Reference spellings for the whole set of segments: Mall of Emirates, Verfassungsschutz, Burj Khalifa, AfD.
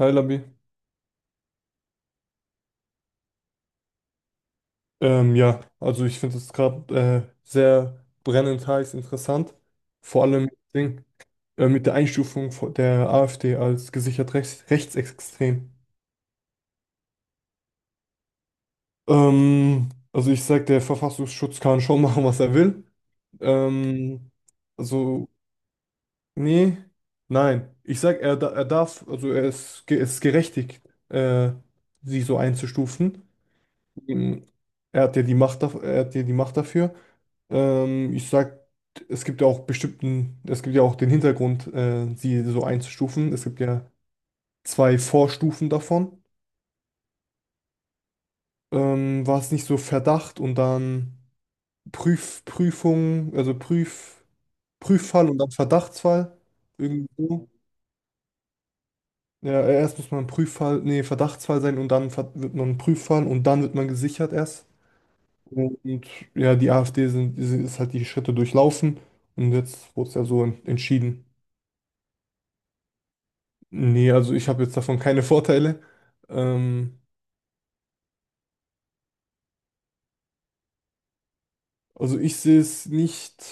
Hi Labi. Ja, also ich finde es gerade sehr brennend heiß interessant. Vor allem mit, Ding, mit der Einstufung von der AfD als gesichert rechts, rechtsextrem. Also ich sage, der Verfassungsschutz kann schon machen, was er will. Ähm, also, nee, nein. Ich sage, er darf, also ist gerechtigt, äh, sie so einzustufen. Ähm, Er hat ja die Macht dafür. Ich sag, es gibt ja auch den Hintergrund, sie so einzustufen. Es gibt ja zwei Vorstufen davon. War es nicht so Verdacht und dann Prüf, Prüfung, also Prüf, Prüffall und dann Verdachtsfall? Irgendwie so. Ja, erst muss man Prüffall, nee, Verdachtsfall sein und dann wird man Prüffall und dann wird man gesichert erst. Und ja, die AfD sind, ist halt die Schritte durchlaufen und jetzt wurde es ja so entschieden. Nee, also ich habe jetzt davon keine Vorteile. Ähm, also ich sehe es nicht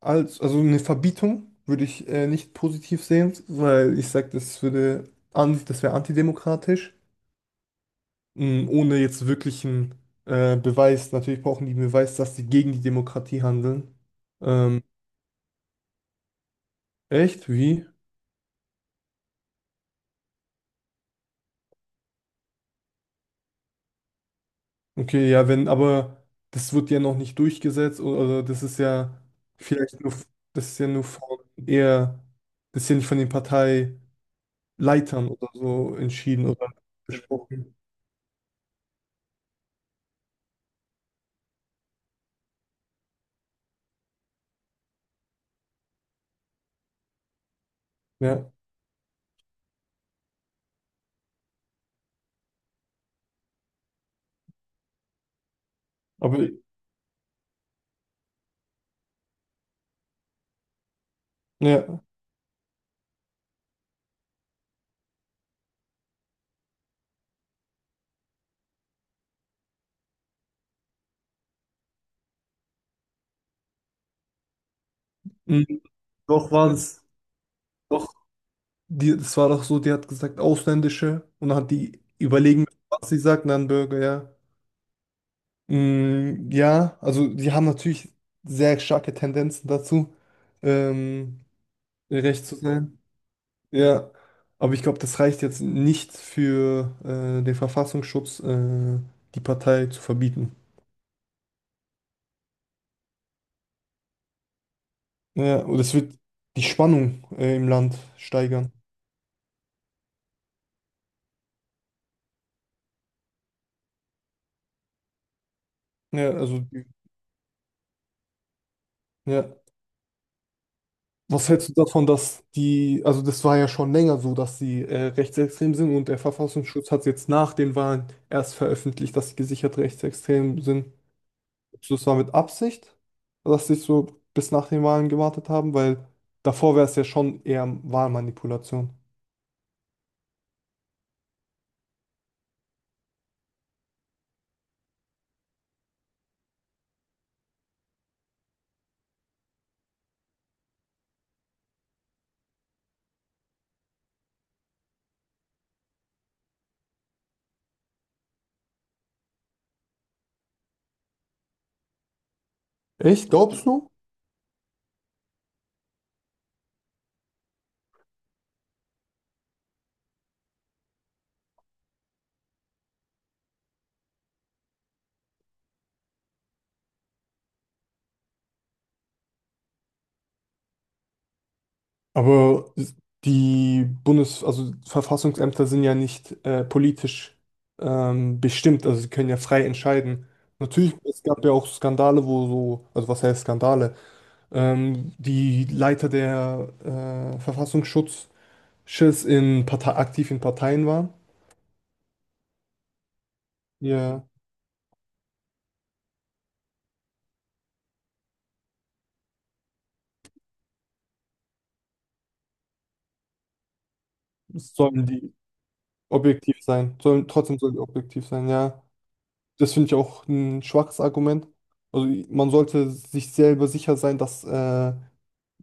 als, also eine Verbietung würde ich nicht positiv sehen, weil ich sage, das würde, das wäre antidemokratisch, ohne jetzt wirklichen Beweis. Natürlich brauchen die einen Beweis, dass sie gegen die Demokratie handeln. Ähm, Echt? Wie? Okay, ja, wenn, aber das wird ja noch nicht durchgesetzt oder vielleicht nur, das ist ja nur von eher, das ist ja nicht von den Partei Leitern oder so entschieden oder besprochen. Ja, aber ja. Mhm. Doch war es, doch, die, das war doch so, die hat gesagt, Ausländische und dann hat die überlegen, was sie sagt, und dann Bürger, ja. Ja, also die haben natürlich sehr starke Tendenzen dazu, ähm, recht zu sein. Ja, aber ich glaube, das reicht jetzt nicht für den Verfassungsschutz, die Partei zu verbieten. Ja, und es wird die Spannung im Land steigern. Ja, also, ja. Was hältst du davon, dass die, also das war ja schon länger so, dass sie rechtsextrem sind und der Verfassungsschutz hat jetzt nach den Wahlen erst veröffentlicht, dass sie gesichert rechtsextrem sind. Glaubst du, das war mit Absicht, dass sie so bis nach den Wahlen gewartet haben? Weil davor wäre es ja schon eher Wahlmanipulation. Echt, glaubst du? Aber also Verfassungsämter sind ja nicht politisch bestimmt, also sie können ja frei entscheiden. Natürlich, es gab ja auch Skandale, wo so, also was heißt Skandale? Die Leiter der Verfassungsschutzes in Partei aktiv in Parteien waren. Ja, es sollen die objektiv sein. Trotzdem sollen die objektiv sein, ja. Das finde ich auch ein schwaches Argument. Also man sollte sich selber sicher sein, dass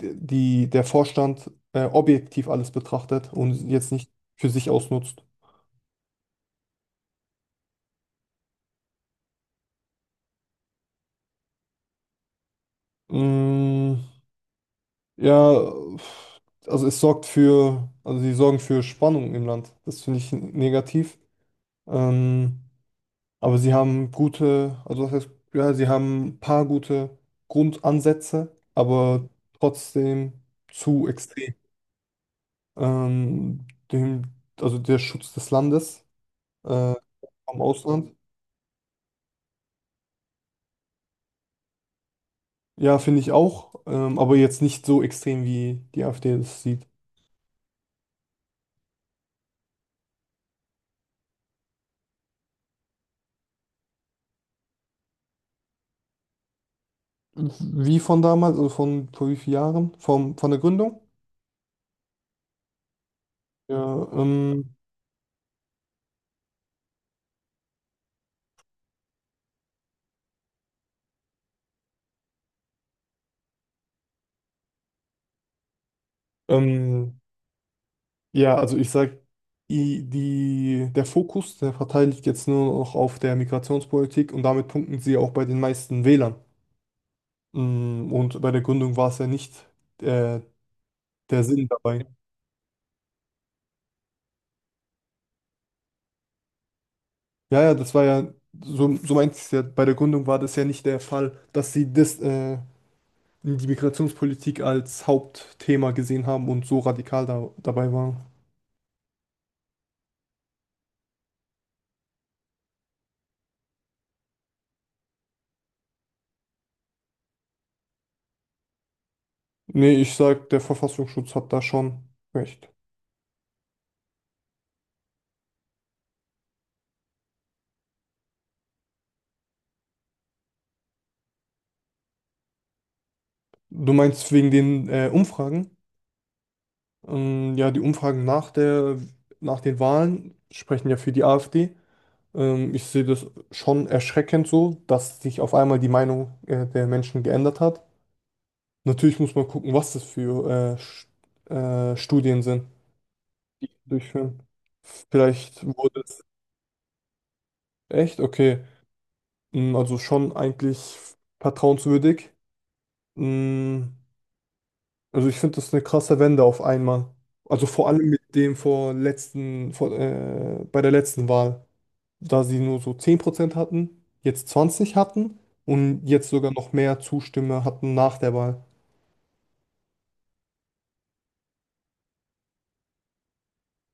die der Vorstand objektiv alles betrachtet und jetzt nicht für sich ausnutzt. Mm, ja, also also sie sorgen für Spannung im Land. Das finde ich negativ. Ähm, aber also das heißt, ja, sie haben ein paar gute Grundansätze, aber trotzdem zu extrem. Ähm, dem, also der Schutz des Landes äh, vom Ausland. Ja, finde ich auch, aber jetzt nicht so extrem, wie die AfD das sieht. Wie von damals, also von vor wie vielen Jahren? Von der Gründung? Ja, ähm, ja, also ich sag, der Fokus der Partei liegt jetzt nur noch auf der Migrationspolitik und damit punkten sie auch bei den meisten Wählern. Und bei der Gründung war es ja nicht äh, der Sinn dabei. Ja, ja, das war ja, so meinte ich es ja, bei der Gründung war das ja nicht der Fall, dass sie das die Migrationspolitik als Hauptthema gesehen haben und so radikal dabei waren. Nee, ich sag, der Verfassungsschutz hat da schon recht. Du meinst wegen den Umfragen? Ja, die Umfragen nach den Wahlen sprechen ja für die AfD. Ich sehe das schon erschreckend so, dass sich auf einmal die Meinung der Menschen geändert hat. Natürlich muss man gucken, was das für Studien sind, die durchführen. Vielleicht wurde es echt, okay. Also schon eigentlich vertrauenswürdig. Mm, Also ich finde das eine krasse Wende auf einmal. Also vor allem mit dem vor letzten, vor, bei der letzten Wahl, da sie nur so 10% hatten, jetzt 20 hatten und jetzt sogar noch mehr Zustimme hatten nach der Wahl.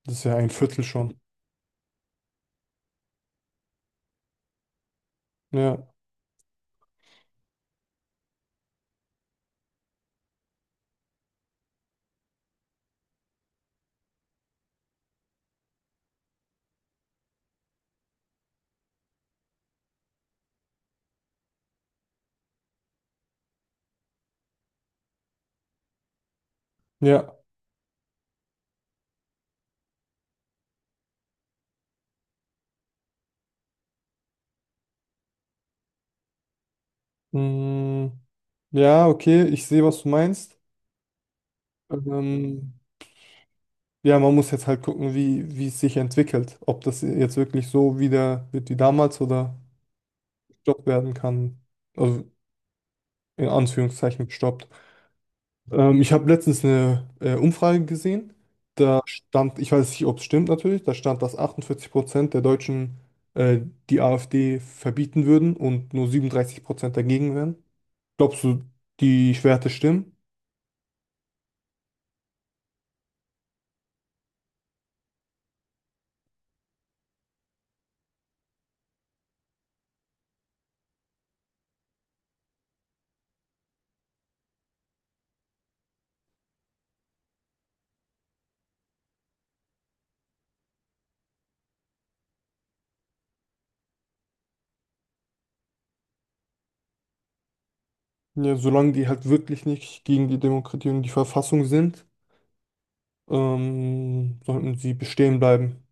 Das ist ja ein Viertel schon. Ja, ja. Mm, Ja, okay, ich sehe, was du meinst. Ähm, Ja, man muss jetzt halt gucken, wie es sich entwickelt. Ob das jetzt wirklich so wieder wird wie damals oder gestoppt werden kann. Also in Anführungszeichen gestoppt. Ich habe letztens eine Umfrage gesehen. Da stand, ich weiß nicht, ob es stimmt natürlich, da stand, dass 48% der Deutschen äh, die AfD verbieten würden und nur 37% dagegen wären. Glaubst du, die Werte stimmen? Ja, solange die halt wirklich nicht gegen die Demokratie und die Verfassung sind. Sollten sie bestehen bleiben.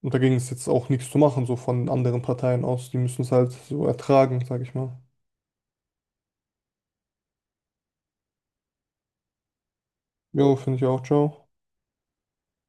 Und dagegen ist jetzt auch nichts zu machen, so von anderen Parteien aus. Die müssen es halt so ertragen, sag ich mal. Jo, finde ich auch, ciao.